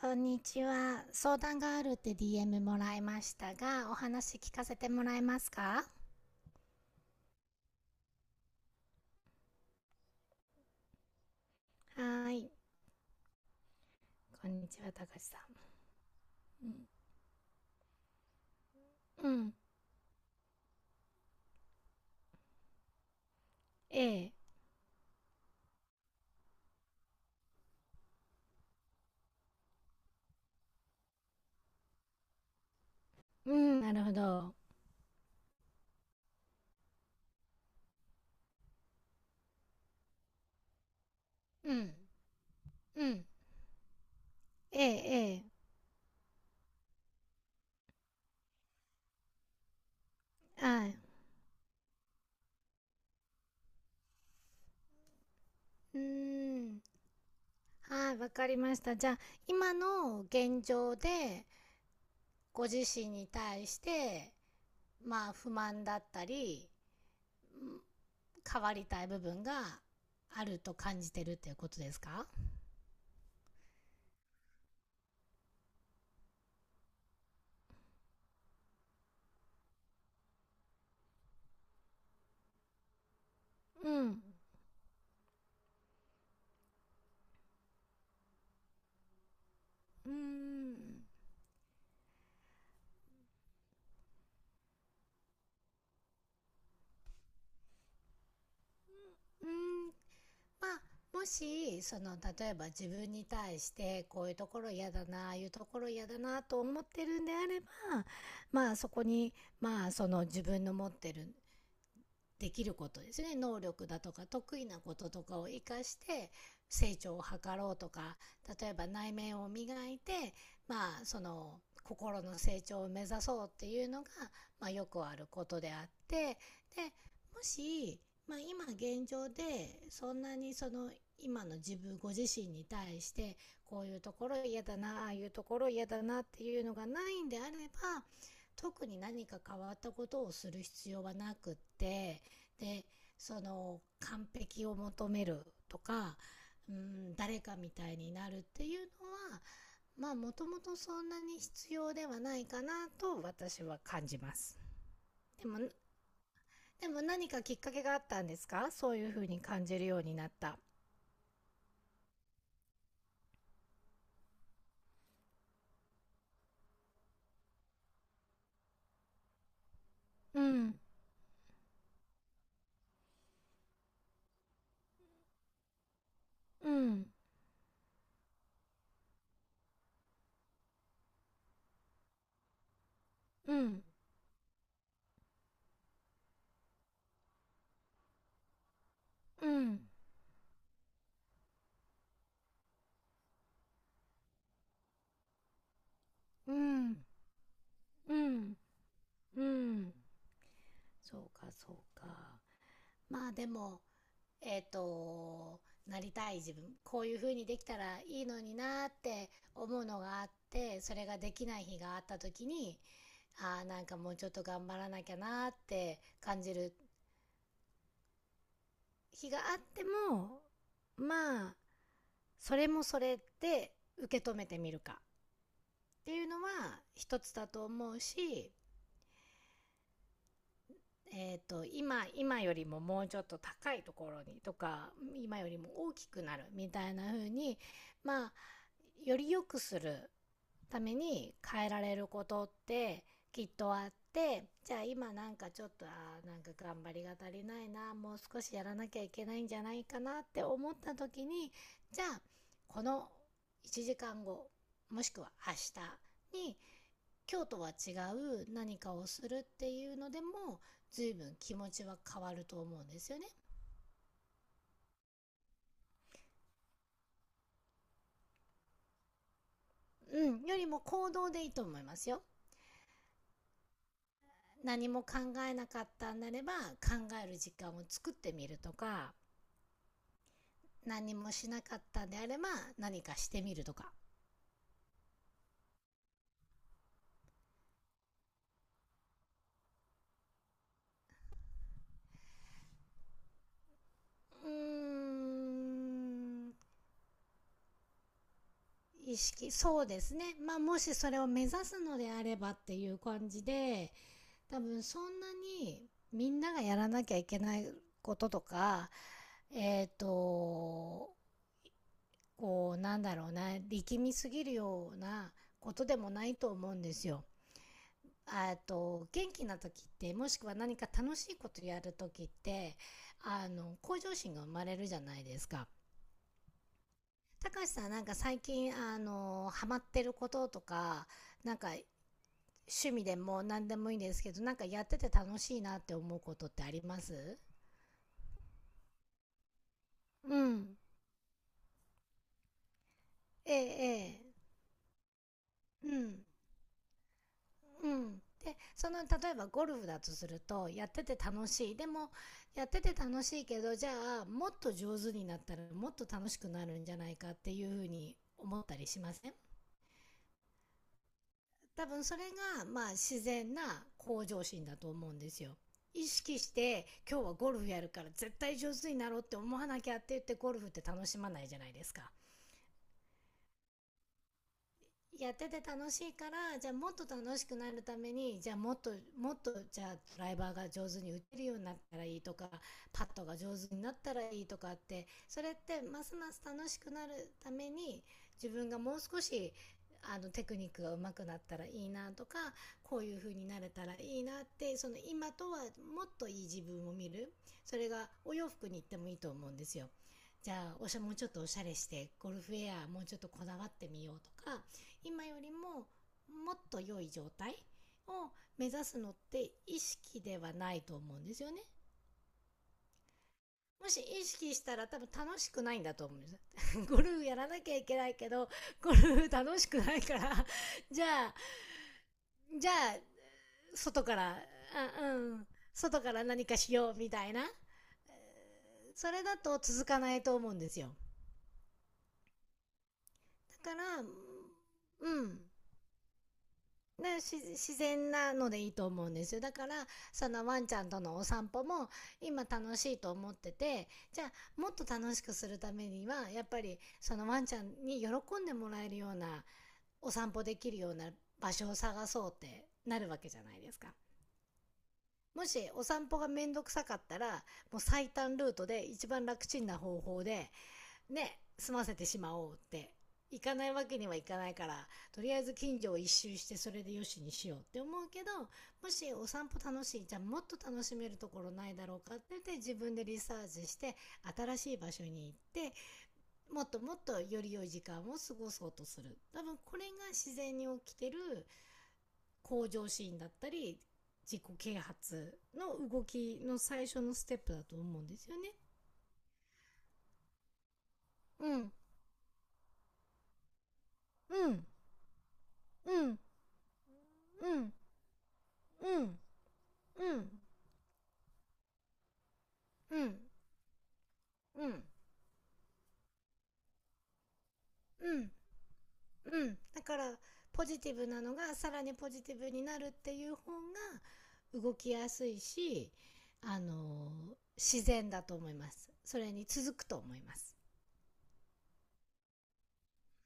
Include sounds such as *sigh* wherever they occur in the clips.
こんにちは。相談があるって DM もらいましたが、お話聞かせてもらえますか？はーい。こんにちは、たかしさん。うん。うん。ええ。うん、なるほど。うん。うん。ええ、ええ。はい。うーん。はい、わかりました。じゃあ、今の現状で、ご自身に対して、まあ、不満だったり、うん、変わりたい部分があると感じてるっていうことですか？うん。うーん。うーん、まあ、もし、その、例えば自分に対して、こういうところ嫌だな、ああいうところ嫌だな、と思ってるんであれば、まあ、そこに、まあ、その自分の持ってるできることですね、能力だとか得意なこととかを生かして成長を図ろうとか、例えば内面を磨いて、まあその心の成長を目指そうっていうのが、まあ、よくあることであって、でもし、まあ、今現状でそんなにその今の自分ご自身に対してこういうところ嫌だな、ああいうところ嫌だなっていうのがないんであれば、特に何か変わったことをする必要はなくって、でその完璧を求めるとか、うん、誰かみたいになるっていうのは、まあもともとそんなに必要ではないかなと私は感じます。でも、でも何かきっかけがあったんですか、そういうふうに感じるようになった。うん、うん、うん、うん、うん、うん、うん。そうか、そうか。まあでも、えっ、と、なりたい自分、こういう風にできたらいいのになって思うのがあって、それができない日があった時に、ああ、なんかもうちょっと頑張らなきゃなって感じる日があっても、まあ、それもそれで受け止めてみるかっていうのは一つだと思うし、今、今よりももうちょっと高いところにとか、今よりも大きくなるみたいな風に、まあ、より良くするために変えられることってきっとあって、じゃあ今なんかちょっとあ、なんか頑張りが足りないな、もう少しやらなきゃいけないんじゃないかなって思った時に、じゃあこの1時間後、もしくは明日に今日とは違う何かをするっていうのでも随分気持ちは変わると思うんですよね。うん、よりも行動でいいと思いますよ。何も考えなかったんだれば考える時間を作ってみるとか、何もしなかったんであれば何かしてみるとか。うーん、意識、そうですね。まあもしそれを目指すのであればっていう感じで、多分そんなにみんながやらなきゃいけないこととか、えっ、と、こうなんだろうな、力みすぎるようなことでもないと思うんですよ。あと元気な時って、もしくは何か楽しいことやる時って、あの向上心が生まれるじゃないですか。たかしさん、なんか最近あのハマってることとか、なんか趣味でも何でもいいんですけど、なんかやってて楽しいなって思うことってあります？うん。ええええ。うん。うん、でその例えばゴルフだとすると、やってて楽しい、でもやってて楽しいけど、じゃあもっと上手になったらもっと楽しくなるんじゃないかっていうふうに思ったりしません？多分それがまあ自然な向上心だと思うんですよ。意識して今日はゴルフやるから絶対上手になろうって思わなきゃって言ってゴルフって楽しまないじゃないですか。やってて楽しいから、じゃあもっと楽しくなるために、じゃあもっと、じゃあドライバーが上手に打てるようになったらいいとか、パットが上手になったらいいとかって、それってますます楽しくなるために自分がもう少しあのテクニックが上手くなったらいいなとか、こういう風になれたらいいなって、その今とはもっといい自分を見る、それがお洋服に行ってもいいと思うんですよ。じゃあおしゃ、もうちょっとおしゃれしてゴルフウェアもうちょっとこだわってみようとか、今よりももっと良い状態を目指すのって意識ではないと思うんですよね。もし意識したら多分楽しくないんだと思うんです *laughs*。ゴルフやらなきゃいけないけど、ゴルフ楽しくないから *laughs*、じゃあ、じゃあ、外から、あうん、外から何かしようみたいな、それだと続かないと思うんですよ。だから、うん、ね、自然なのでいいと思うんですよ。だから、そのワンちゃんとのお散歩も今楽しいと思ってて、じゃあもっと楽しくするためにはやっぱりそのワンちゃんに喜んでもらえるようなお散歩できるような場所を探そうってなるわけじゃないですか。もしお散歩がめんどくさかったら、もう最短ルートで一番楽ちんな方法で、ね、済ませてしまおうって、行かないわけにはいかないから、とりあえず近所を一周してそれでよしにしようって思うけど、もしお散歩楽しい、じゃあもっと楽しめるところないだろうかって言って自分でリサーチして、新しい場所に行って、もっともっとより良い時間を過ごそうとする。多分これが自然に起きてる向上心だったり、自己啓発の動きの最初のステップだと思うんですよね。うん、うん、うん、うん、うん。うん、うん、うん、うん、うん、だからポジティブなのがさらにポジティブになるっていう方が動きやすいし、あの自然だと思います、それに続くと思います。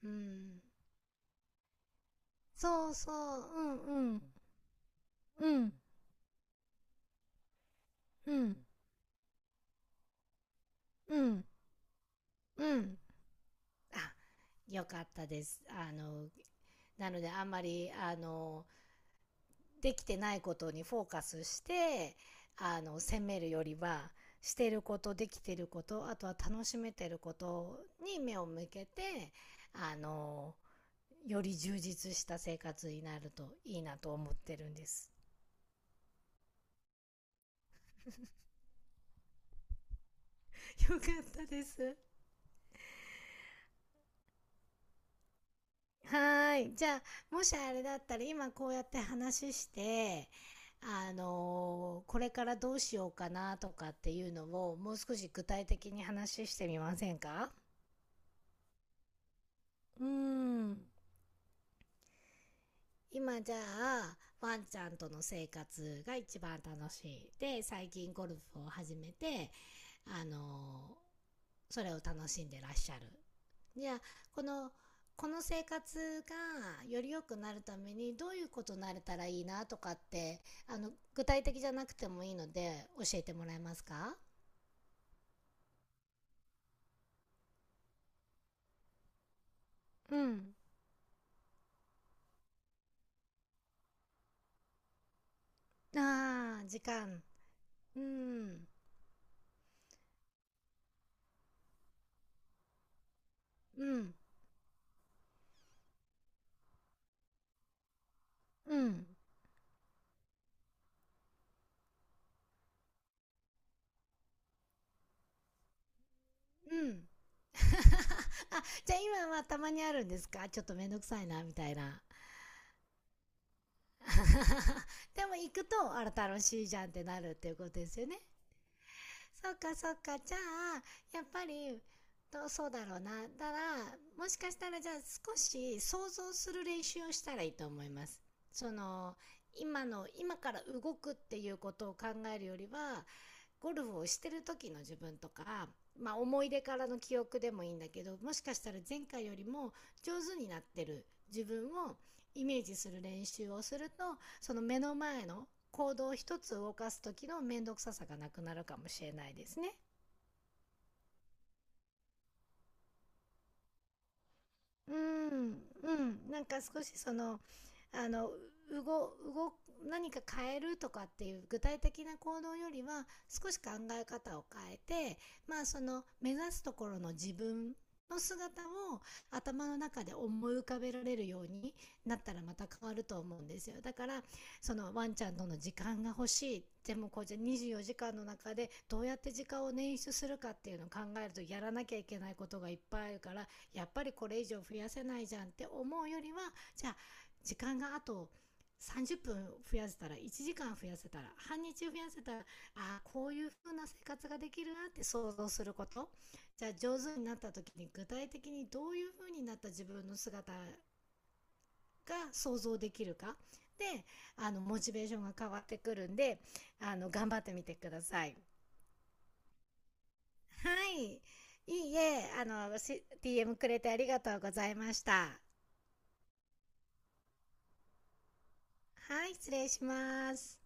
うん、そうそう、うん、うん、うん、うん、うん、うん、あ、よかったです。あの、なのであんまり、あのできてないことにフォーカスして、あの責めるよりはしてること、できてること、あとは楽しめてることに目を向けて、あのより充実した生活になるといいなと思ってるんです。*laughs* よかったです。はい。じゃあ、もしあれだったら今こうやって話して、あのこれからどうしようかなとかっていうのをもう少し具体的に話してみませんか？うーん。今じゃあワンちゃんとの生活が一番楽しいで、最近ゴルフを始めて、あのーそれを楽しんでらっしゃる、じゃあこの、この生活がより良くなるためにどういうことになれたらいいなとかって、あの具体的じゃなくてもいいので教えてもらえますか？うん、あー、時間、うん、うん、うん、うん、あ、じゃあ今はたまにあるんですか、ちょっとめんどくさいなみたいな？ *laughs* でも行くと、あら楽しいじゃんってなるっていうことですよね。そっかそっか。じゃあ、やっぱり、どうそうだろうな。だから、もしかしたらじゃあ少し想像する練習をしたらいいと思います。その、今の、今から動くっていうことを考えるよりは、ゴルフをしてる時の自分とか、まあ、思い出からの記憶でもいいんだけど、もしかしたら前回よりも上手になってる自分をイメージする練習をすると、その目の前の行動一つ動かす時の面倒くささがなくなるかもしれないですね。うん、うん、なんか少しその、あの、うご、うご、何か変えるとかっていう具体的な行動よりは、少し考え方を変えて、まあその目指すところの自分の姿を頭の中で思い浮かべられるようになったらまた変わると思うんですよ。だから、そのワンちゃんとの時間が欲しい。でもこうじゃ24時間の中でどうやって時間を捻出するかっていうのを考えると、やらなきゃいけないことがいっぱいあるからやっぱりこれ以上増やせないじゃんって思うよりは、じゃあ時間があと30分増やせたら、1時間増やせたら、半日増やせたら、ああこういう風な生活ができるなって想像すること、じゃあ上手になった時に具体的にどういう風になった自分の姿が想像できるかで、あのモチベーションが変わってくるんで、あの頑張ってみてください。はい、いいえ、あのし DM くれてありがとうございました。はい、失礼します。